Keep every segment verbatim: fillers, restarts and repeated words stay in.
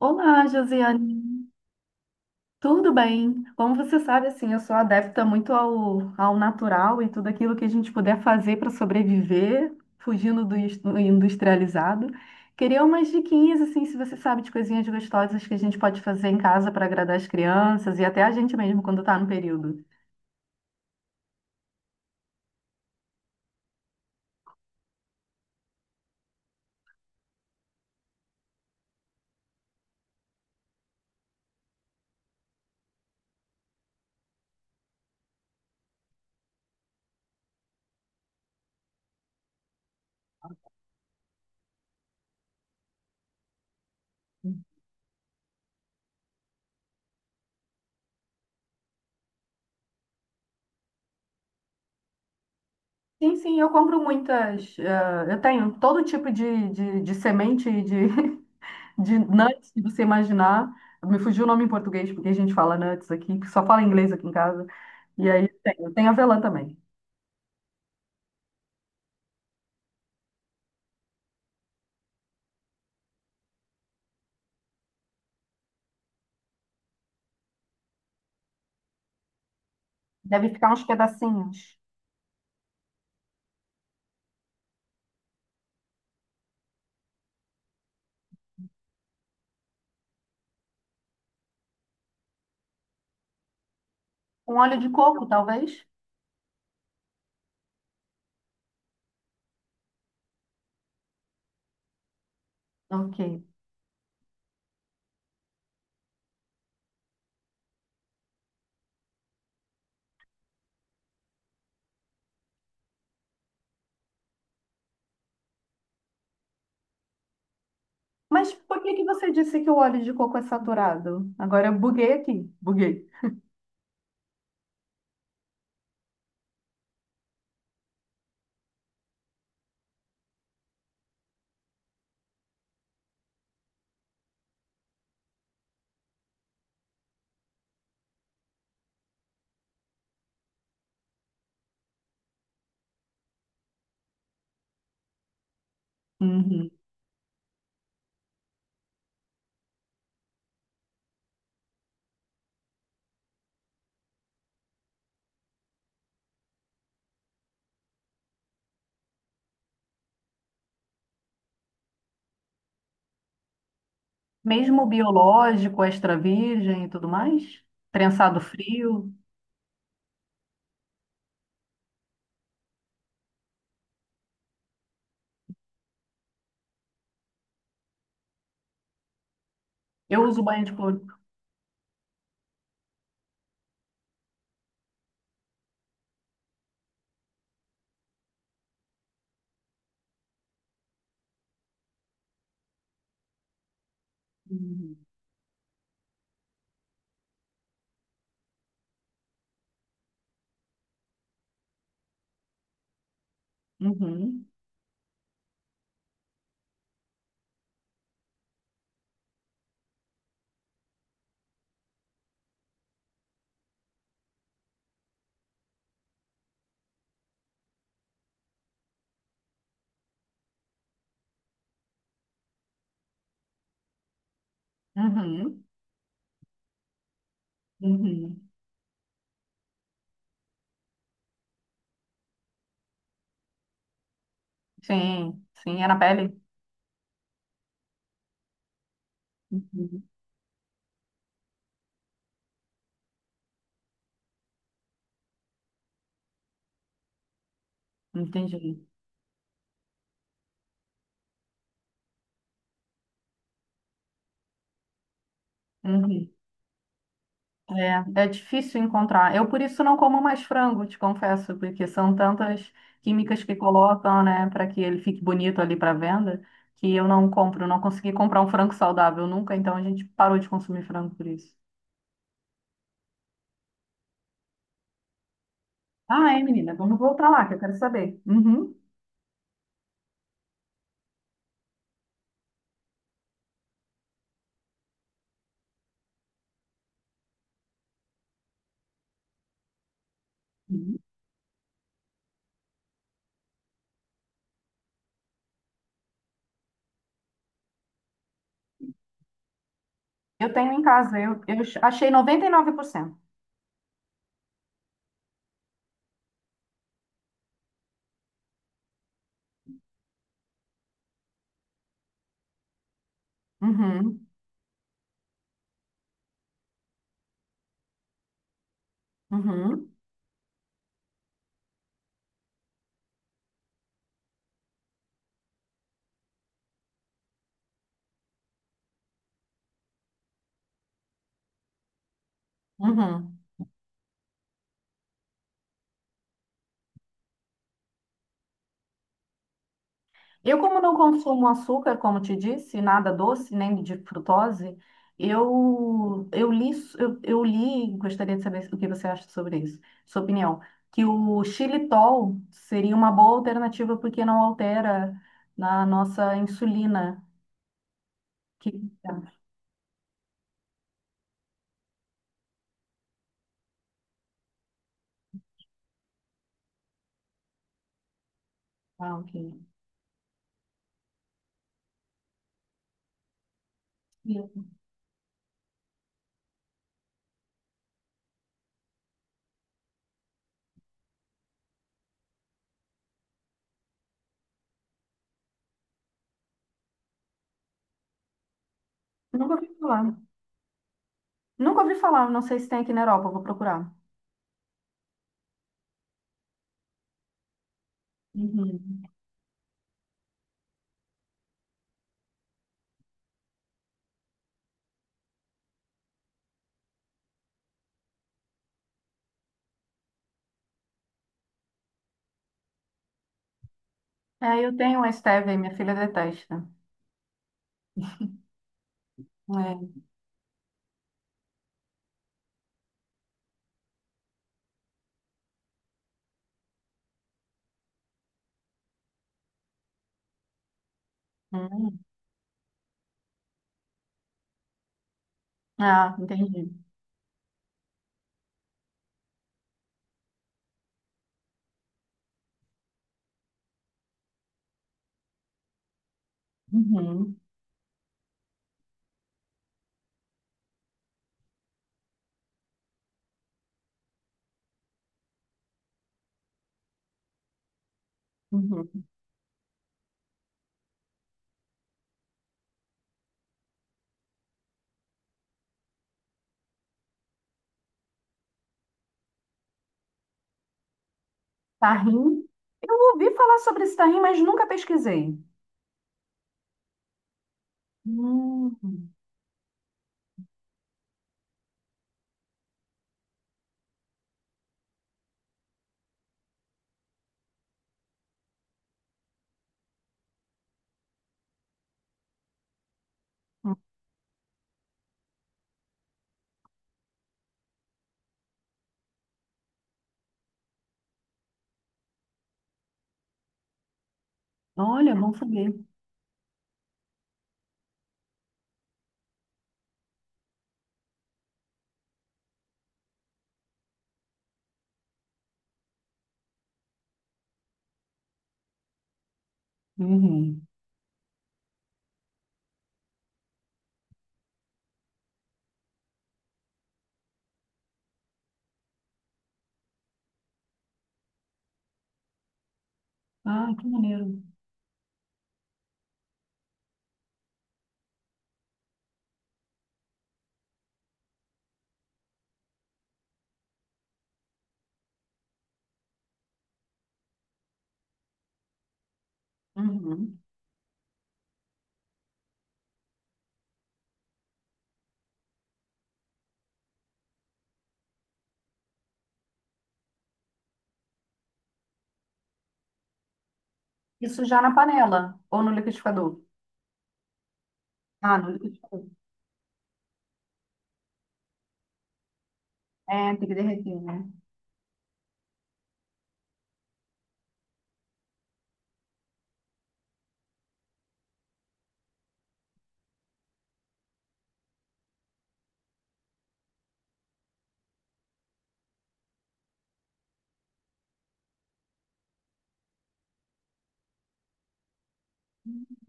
Olá, Josiane. Tudo bem? Como você sabe, assim, eu sou adepta muito ao, ao natural e tudo aquilo que a gente puder fazer para sobreviver, fugindo do is- do industrializado. Queria umas diquinhas, assim, se você sabe de coisinhas gostosas que a gente pode fazer em casa para agradar as crianças e até a gente mesmo quando está no período. Sim, sim, eu compro muitas. Eh, eu tenho todo tipo de, de, de semente de de nuts que você imaginar. Me fugiu o nome em português, porque a gente fala nuts aqui, que só fala inglês aqui em casa. E aí tem, tem avelã também. Deve ficar uns pedacinhos. Um óleo de coco, talvez? Ok. Mas por que que você disse que o óleo de coco é saturado? Agora eu buguei aqui, buguei. Uhum. Mesmo o biológico, extra virgem e tudo mais? Prensado frio? Eu uso banho de couro. Uhum. Uhum. Uhum. Uhum. Sim, sim, é na pele. Uhum. Entendi. Uhum. É, é difícil encontrar. Eu, por isso, não como mais frango, te confesso, porque são tantas químicas que colocam, né, para que ele fique bonito ali para venda, que eu não compro, não consegui comprar um frango saudável nunca, então a gente parou de consumir frango por isso. Ah, é, menina, vamos voltar lá, que eu quero saber. Uhum. Uhum. Eu tenho em casa, eu, eu achei noventa e nove por cento. Uhum. Uhum. Uhum. Eu, como não consumo açúcar, como te disse, nada doce, nem de frutose, eu, eu li, eu, eu li, gostaria de saber o que você acha sobre isso, sua opinião, que o xilitol seria uma boa alternativa porque não altera na nossa insulina. Que... Ah, ok. Nunca ouvi falar. Nunca ouvi falar, não sei se tem aqui na Europa, vou procurar. Uhum. É, eu tenho a stevia, minha filha detesta. É. Hum. Ah, entendi. Uhum. Uhum. Tahim? Eu ouvi falar sobre esse tahim, mas nunca pesquisei. Hum, olha, bom saber. Uhum. Ah, que maneiro. Uhum. Isso já na panela ou no liquidificador? Ah, no liquidificador. É, tem que derreter, né?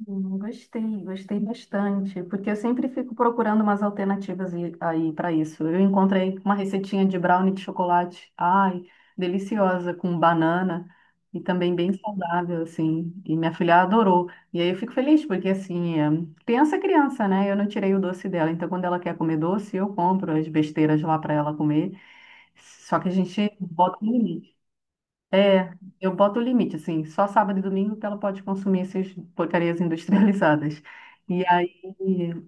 Hum, gostei, gostei bastante, porque eu sempre fico procurando umas alternativas e- aí para isso. Eu encontrei uma receitinha de brownie de chocolate, ai, deliciosa, com banana e também bem saudável, assim. E minha filha adorou. E aí eu fico feliz, porque assim, é, criança é criança, né? Eu não tirei o doce dela, então quando ela quer comer doce, eu compro as besteiras lá para ela comer. Só que a gente bota no limite. É, eu boto o limite, assim, só sábado e domingo que ela pode consumir essas porcarias industrializadas. E aí,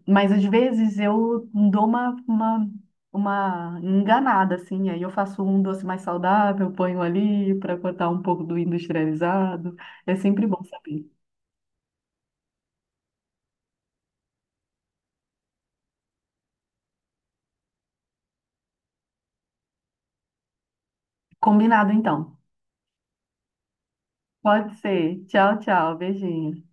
mas às vezes eu dou uma, uma, uma enganada, assim, aí eu faço um doce mais saudável, ponho ali para cortar um pouco do industrializado. É sempre bom saber. Combinado, então. Pode ser. Tchau, tchau. Beijinho.